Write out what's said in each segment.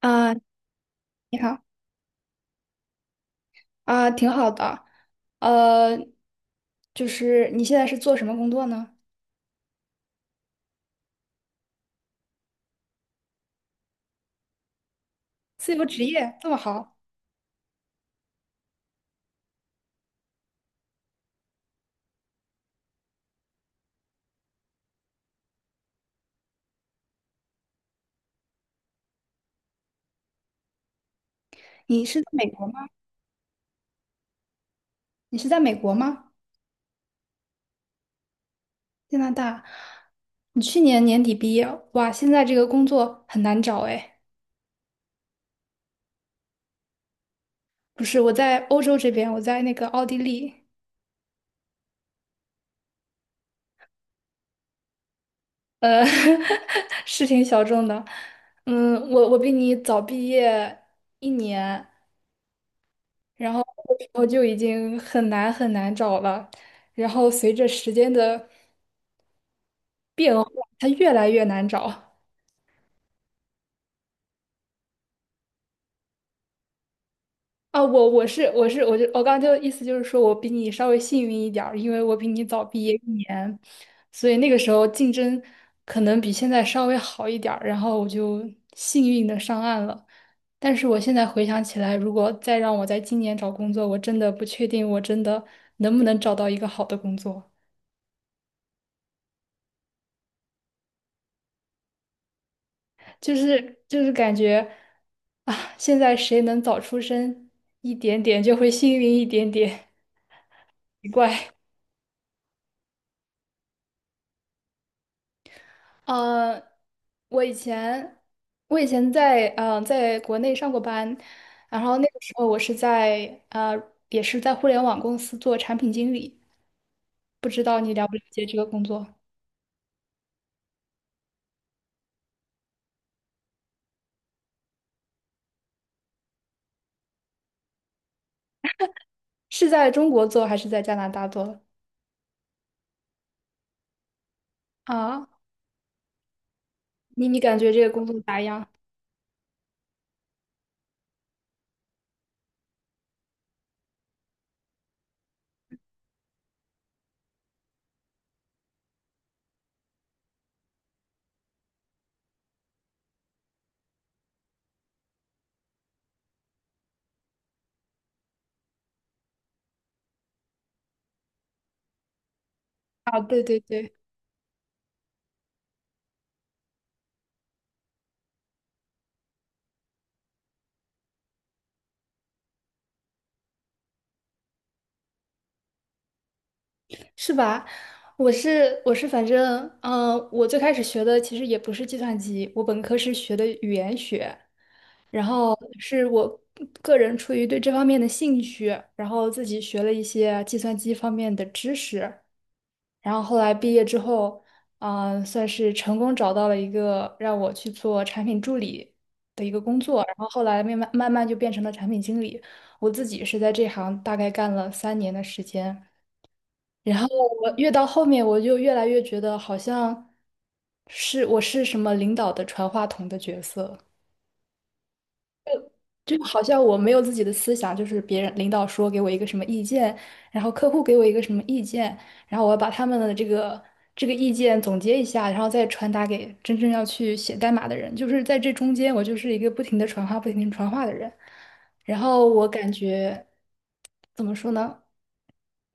啊，你好啊，挺好的。呃，就是你现在是做什么工作呢？自由职业这么好，你是在美国吗？你是在美国吗？加拿大？你去年年底毕业，哇，现在这个工作很难找哎。不是，我在欧洲这边，我在那个奥地利，呃，是挺小众的。嗯，我比你早毕业一年，然后那个时候就已经很难很难找了，然后随着时间的变化，它越来越难找。啊！我刚刚就意思就是说我比你稍微幸运一点儿，因为我比你早毕业一年，所以那个时候竞争可能比现在稍微好一点儿，然后我就幸运的上岸了。但是我现在回想起来，如果再让我在今年找工作，我真的不确定我真的能不能找到一个好的工作。就是感觉啊，现在谁能早出生一点点，就会幸运一点点，奇怪。呃，我以前我以前在国内上过班，然后那个时候我是在呃也是在互联网公司做产品经理，不知道你了不了解这个工作，是在中国做还是在加拿大做？啊，你感觉这个工作咋样？啊，对对对。是吧？我是，反正我最开始学的其实也不是计算机，我本科是学的语言学，然后是我个人出于对这方面的兴趣，然后自己学了一些计算机方面的知识，然后后来毕业之后，算是成功找到了一个让我去做产品助理的一个工作，然后后来慢慢慢慢就变成了产品经理，我自己是在这行大概干了三年的时间。然后我越到后面，我就越来越觉得好像是我是什么领导的传话筒的角色，就好像我没有自己的思想，就是别人领导说给我一个什么意见，然后客户给我一个什么意见，然后我要把他们的这个意见总结一下，然后再传达给真正要去写代码的人。就是在这中间，我就是一个不停的传话、不停的传话的人。然后我感觉怎么说呢，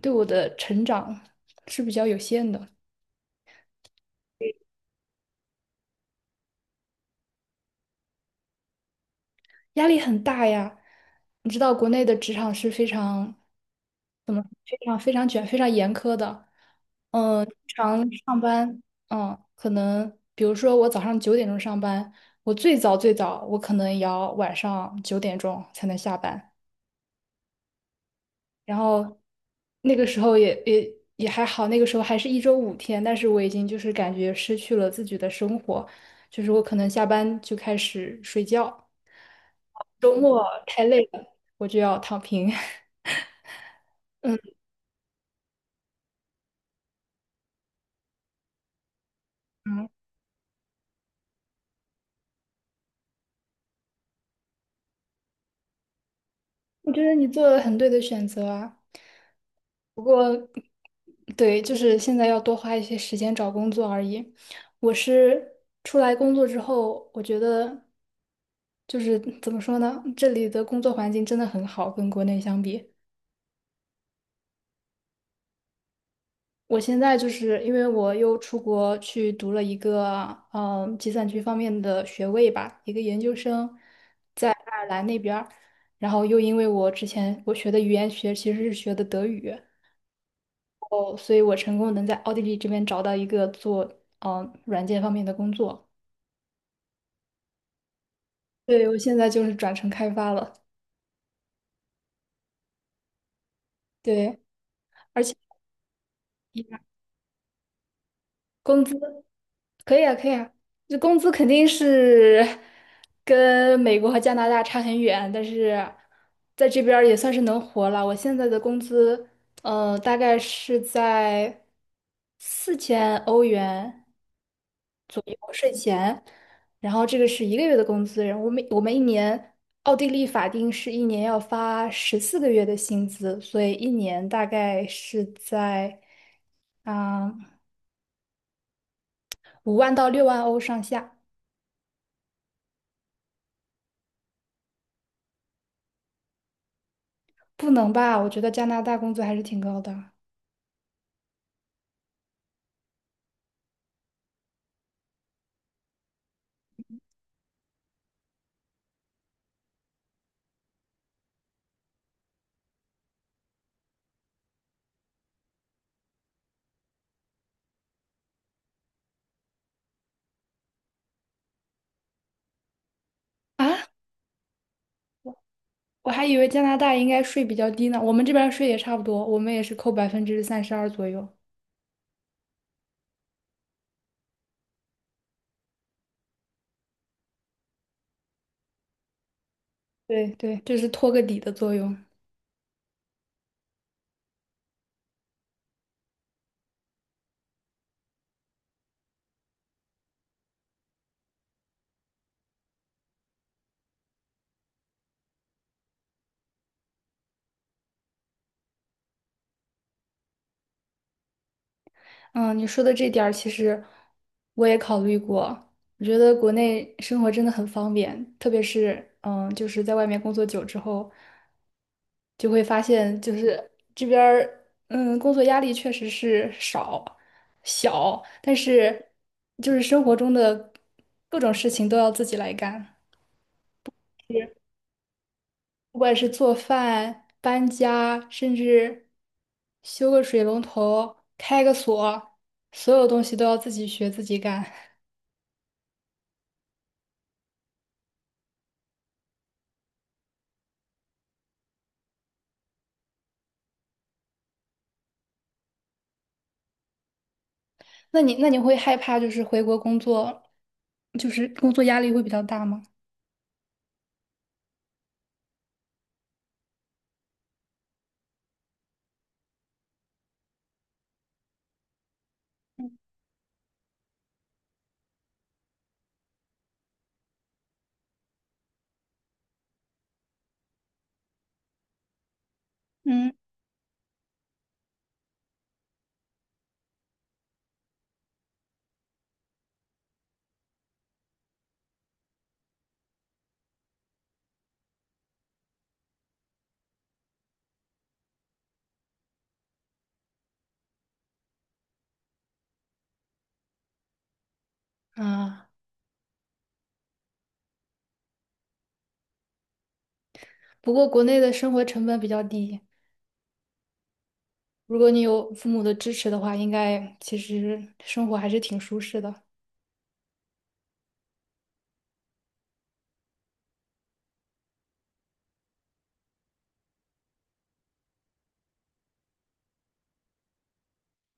对我的成长是比较有限的。压力很大呀。你知道国内的职场是非常、非常、非常卷、非常严苛的。经常上班，可能比如说我早上九点钟上班，我最早最早我可能也要晚上九点钟才能下班。然后那个时候也还好，那个时候还是一周5天，但是我已经就是感觉失去了自己的生活，就是我可能下班就开始睡觉，周末太累了，我就要躺平。嗯，我觉得你做了很对的选择啊。对，就是现在要多花一些时间找工作而已。我是出来工作之后，我觉得就是怎么说呢，这里的工作环境真的很好，跟国内相比。我现在就是因为我又出国去读了一个计算机方面的学位吧，一个研究生，在爱尔兰那边儿。然后又因为我之前我学的语言学其实是学的德语，哦，所以我成功能在奥地利这边找到一个做软件方面的工作。对，我现在就是转成开发了。对，而且工资可以啊，可以啊，这工资肯定是跟美国和加拿大差很远，但是在这边儿也算是能活了。我现在的工资，大概是在4000欧元钱，然后这个是一个月的工资，然后我们一年，奥地利法定是一年要发14个月的薪资，所以一年大概是在啊5万到6万欧上下，不能吧？我觉得加拿大工资还是挺高的。啊，我还以为加拿大应该税比较低呢，我们这边儿税也差不多，我们也是扣32%左右，对对，这是托个底的作用。嗯，你说的这点儿，其实我也考虑过。我觉得国内生活真的很方便，特别是就是在外面工作久之后，就会发现，就是这边儿工作压力确实是小，但是就是生活中的各种事情都要自己来干。不管是做饭、搬家，甚至修个水龙头、开个锁，所有东西都要自己学、自己干。那你会害怕就是回国工作，就是工作压力会比较大吗？嗯，啊，不过国内的生活成本比较低，如果你有父母的支持的话，应该其实生活还是挺舒适的。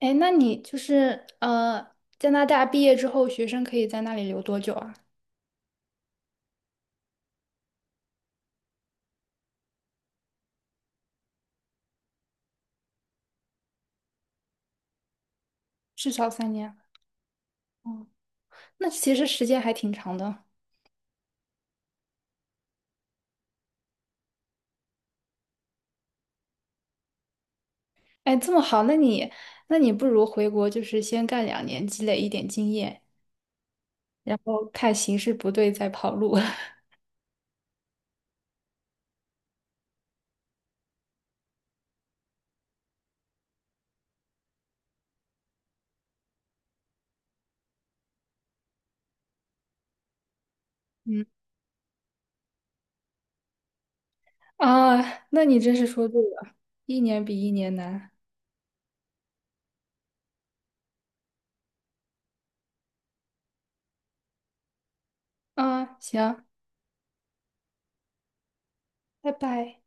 哎，那你就是加拿大毕业之后，学生可以在那里留多久啊？至少三年。那其实时间还挺长的。哎，这么好，那你不如回国，就是先干2年，积累一点经验，然后看形势不对再跑路。嗯啊，那你真是说对了，一年比一年难。啊，行，拜拜。